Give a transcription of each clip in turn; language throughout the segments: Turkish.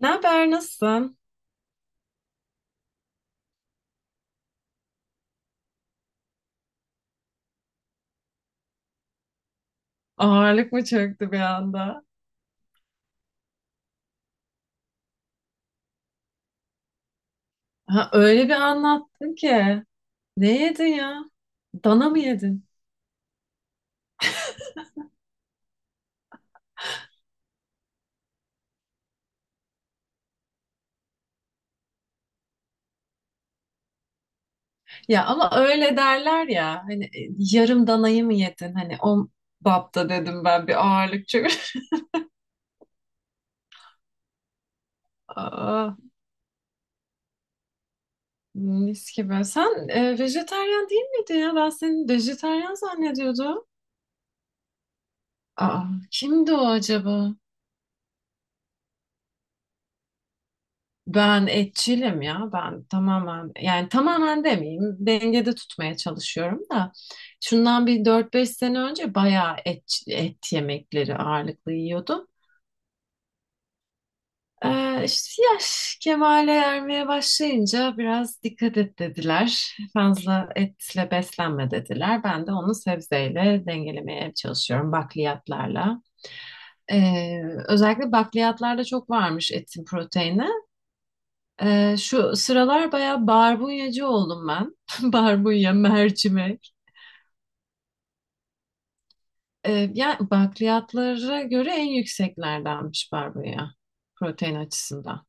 Ne haber, nasılsın? Ağırlık mı çöktü bir anda? Ha, öyle bir anlattın ki. Ne yedin ya? Dana mı yedin? Ya ama öyle derler ya. Hani yarım danayı mı yedin? Hani o bapta dedim ben bir ağırlık çöktü. Aa, mis gibi. Sen vejetaryen değil miydin ya? Ben seni vejetaryen zannediyordum. Aa, kimdi o acaba? Ben etçilim ya. Ben tamamen, yani tamamen demeyeyim. Dengede tutmaya çalışıyorum da. Şundan bir dört beş sene önce bayağı et yemekleri ağırlıklı yiyordum. İşte yaş kemale ermeye başlayınca biraz dikkat et dediler. Fazla etle beslenme dediler. Ben de onu sebzeyle dengelemeye çalışıyorum, bakliyatlarla. Ee, Özellikle bakliyatlarda çok varmış etin proteini. Şu sıralar bayağı barbunyacı oldum ben. Barbunya, mercimek. Yani bakliyatlara göre en yükseklerdenmiş barbunya protein açısından.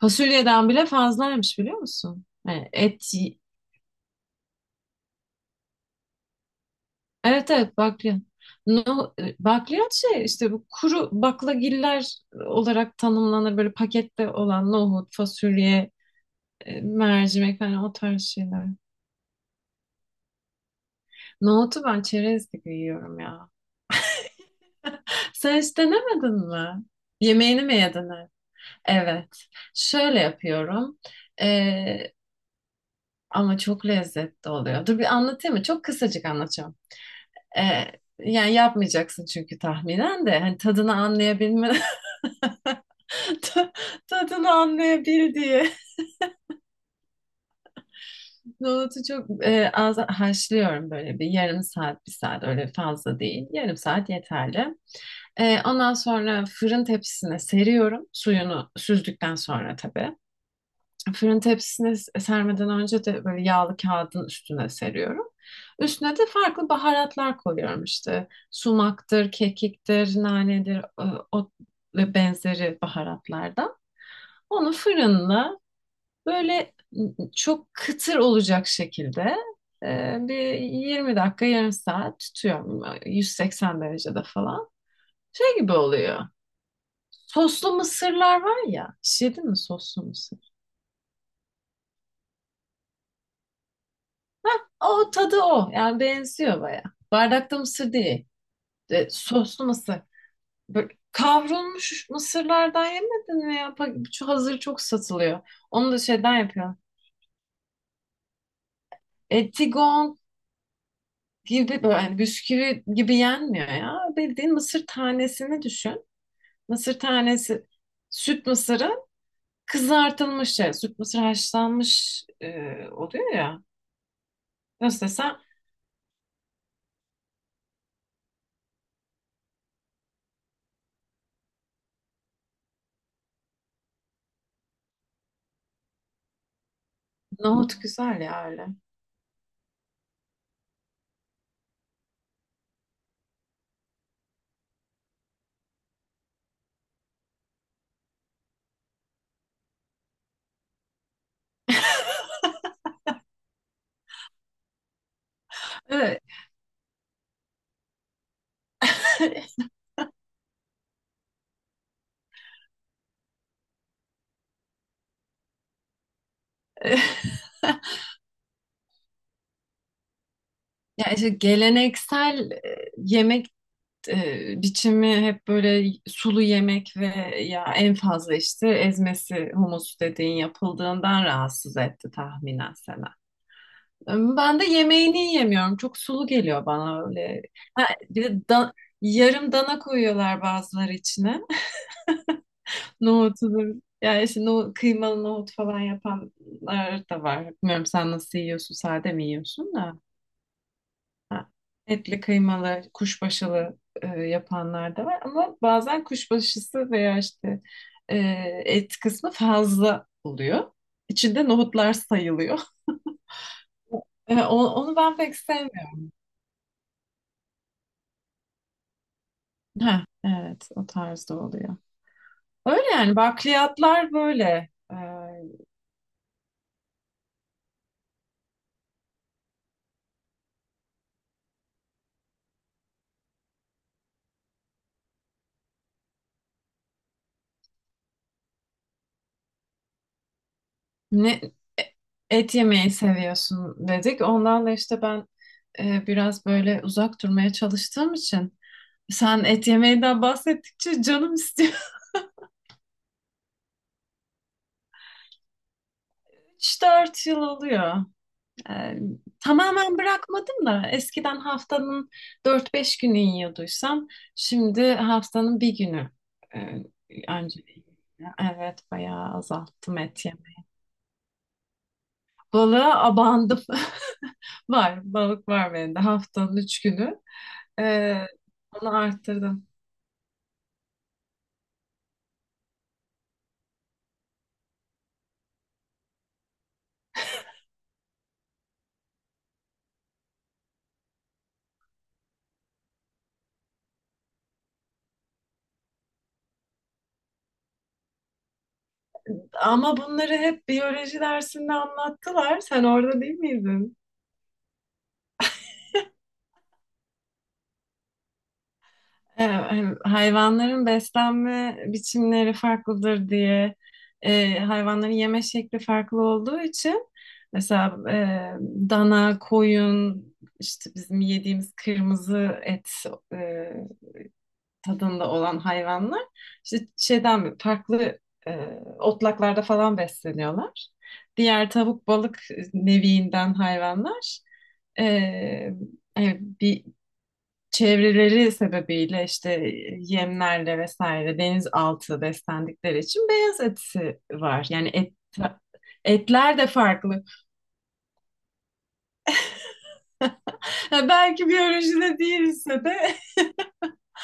Fasulyeden bile fazlaymış, biliyor musun? Yani et, evet evet, bakliyat. No, bakliyat şey işte, bu kuru baklagiller olarak tanımlanır, böyle pakette olan nohut, fasulye, mercimek, hani o tarz şeyler. Nohutu ben çerez gibi yiyorum ya. Sen hiç denemedin mi? Yemeğini mi yedin hep? Evet. Şöyle yapıyorum. Ee, ama çok lezzetli oluyor. Dur, bir anlatayım mı? Çok kısacık anlatacağım. Ee, Yani yapmayacaksın çünkü tahminen de. Hani tadını anlayabilme, ta- tadını anlayabil diye. Nohutu çok az haşlıyorum, böyle bir yarım saat, bir saat, öyle fazla değil. Yarım saat yeterli. Ondan sonra fırın tepsisine seriyorum. Suyunu süzdükten sonra tabii. Fırın tepsisine sermeden önce de böyle yağlı kağıdın üstüne seriyorum. Üstüne de farklı baharatlar koyuyorum işte. Sumaktır, kekiktir, nanedir, o ve benzeri baharatlardan. Onu fırınla böyle çok kıtır olacak şekilde bir 20 dakika, yarım saat tutuyorum. 180 derecede falan. Şey gibi oluyor. Soslu mısırlar var ya. Hiç yedin mi soslu mısır? O tadı o. Yani benziyor baya. Bardakta mısır değil. E, soslu mısır. Böyle kavrulmuş mısırlardan yemedin mi ya? Şu hazır çok satılıyor. Onu da şeyden yapıyor. Etigon gibi, böyle hani bisküvi gibi yenmiyor ya. Bildiğin mısır tanesini düşün. Mısır tanesi, süt mısırı kızartılmış şey. Süt mısır haşlanmış oluyor ya. Nasıl desem, nohut güzel ya öyle. Evet. Ya işte geleneksel yemek biçimi hep böyle sulu yemek ve ya en fazla işte ezmesi, humus dediğin, yapıldığından rahatsız etti tahminen Sena. Ben de yemeğini yemiyorum. Çok sulu geliyor bana öyle. Ha, bir de yarım dana koyuyorlar bazıları içine. Nohutudur. Yani işte kıymalı nohut falan yapanlar da var. Bilmiyorum, sen nasıl yiyorsun? Sade mi yiyorsun da? Ha, etli kıymalı, kuşbaşılı yapanlar da var ama bazen kuşbaşısı veya işte e, et kısmı fazla oluyor. İçinde nohutlar sayılıyor. E, onu ben pek sevmiyorum. Ha evet, o tarzda oluyor. Öyle yani, bakliyatlar böyle. E, ne et yemeyi seviyorsun dedik. Ondan da işte ben biraz böyle uzak durmaya çalıştığım için sen et yemeğinden bahsettikçe canım istiyor. 3-4 yıl oluyor. Ee, Tamamen bırakmadım da eskiden haftanın 4-5 günü yiyorduysam şimdi haftanın bir günü e, önce. Evet, bayağı azalttım et yemeyi. Balığa abandım. Var, balık var bende haftanın 3 günü. Ee, Onu arttırdım. Ama bunları hep biyoloji dersinde anlattılar. Sen orada değil miydin? E, hem hayvanların beslenme biçimleri farklıdır diye, hayvanların yeme şekli farklı olduğu için, mesela dana, koyun, işte bizim yediğimiz kırmızı et e, tadında olan hayvanlar işte şeyden farklı, e, otlaklarda falan besleniyorlar. Diğer tavuk, balık neviinden hayvanlar e, bir çevreleri sebebiyle işte yemlerle vesaire, denizaltı beslendikleri için beyaz etisi var. Yani et, etler de farklı. Ha, belki biyolojide değilse de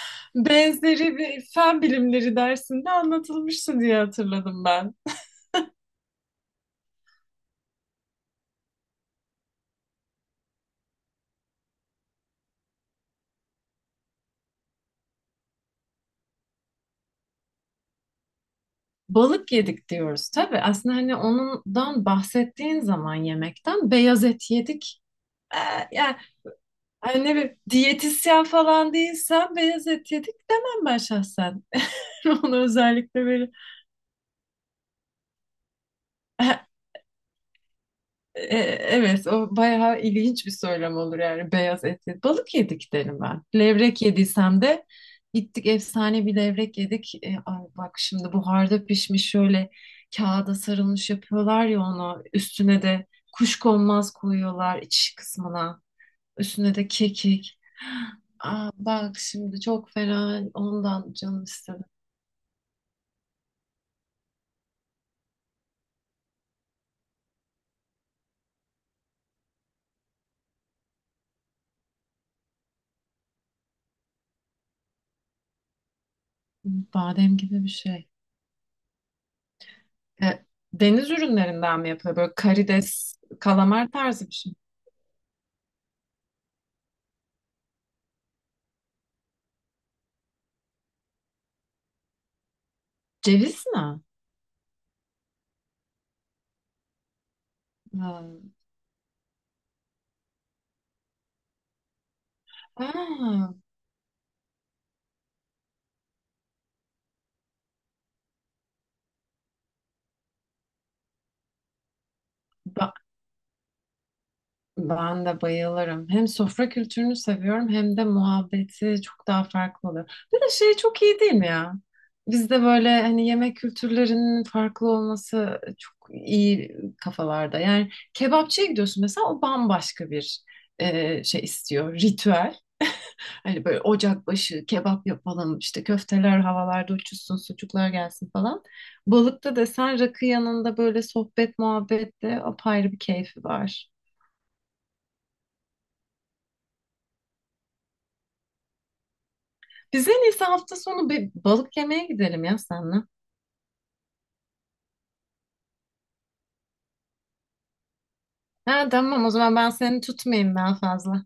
benzeri bir fen bilimleri dersinde anlatılmıştı diye hatırladım ben. Balık yedik diyoruz tabii. Aslında hani ondan bahsettiğin zaman yemekten, beyaz et yedik. Ee, Yani hani ne bileyim, diyetisyen falan değilsem beyaz et yedik demem ben şahsen. Onu özellikle böyle. E, evet, o bayağı ilginç bir söylem olur, yani beyaz et yedik. Balık yedik derim ben. Levrek yediysem de gittik efsane bir levrek yedik. E, ay bak şimdi buharda pişmiş şöyle kağıda sarılmış yapıyorlar ya onu. Üstüne de kuşkonmaz koyuyorlar iç kısmına. Üstüne de kekik. Aa, bak şimdi çok fena ondan canım istedi. Badem gibi bir şey. E, deniz ürünlerinden mi yapıyor? Böyle karides, kalamar tarzı bir şey. Ceviz mi? Ha. Aa, ba- ben de bayılırım. Hem sofra kültürünü seviyorum hem de muhabbeti çok daha farklı oluyor. Bir de şey çok iyi değil mi ya? Bizde böyle hani yemek kültürlerinin farklı olması çok iyi kafalarda. Yani kebapçıya gidiyorsun mesela, o bambaşka bir şey istiyor, ritüel. Hani böyle ocak başı kebap yapalım, işte köfteler havalarda uçuşsun, sucuklar gelsin falan. Balıkta desen rakı yanında böyle sohbet muhabbette apayrı bir keyfi var. Bize en iyisi hafta sonu bir balık yemeye gidelim ya seninle. Ha tamam, o zaman ben seni tutmayayım daha fazla.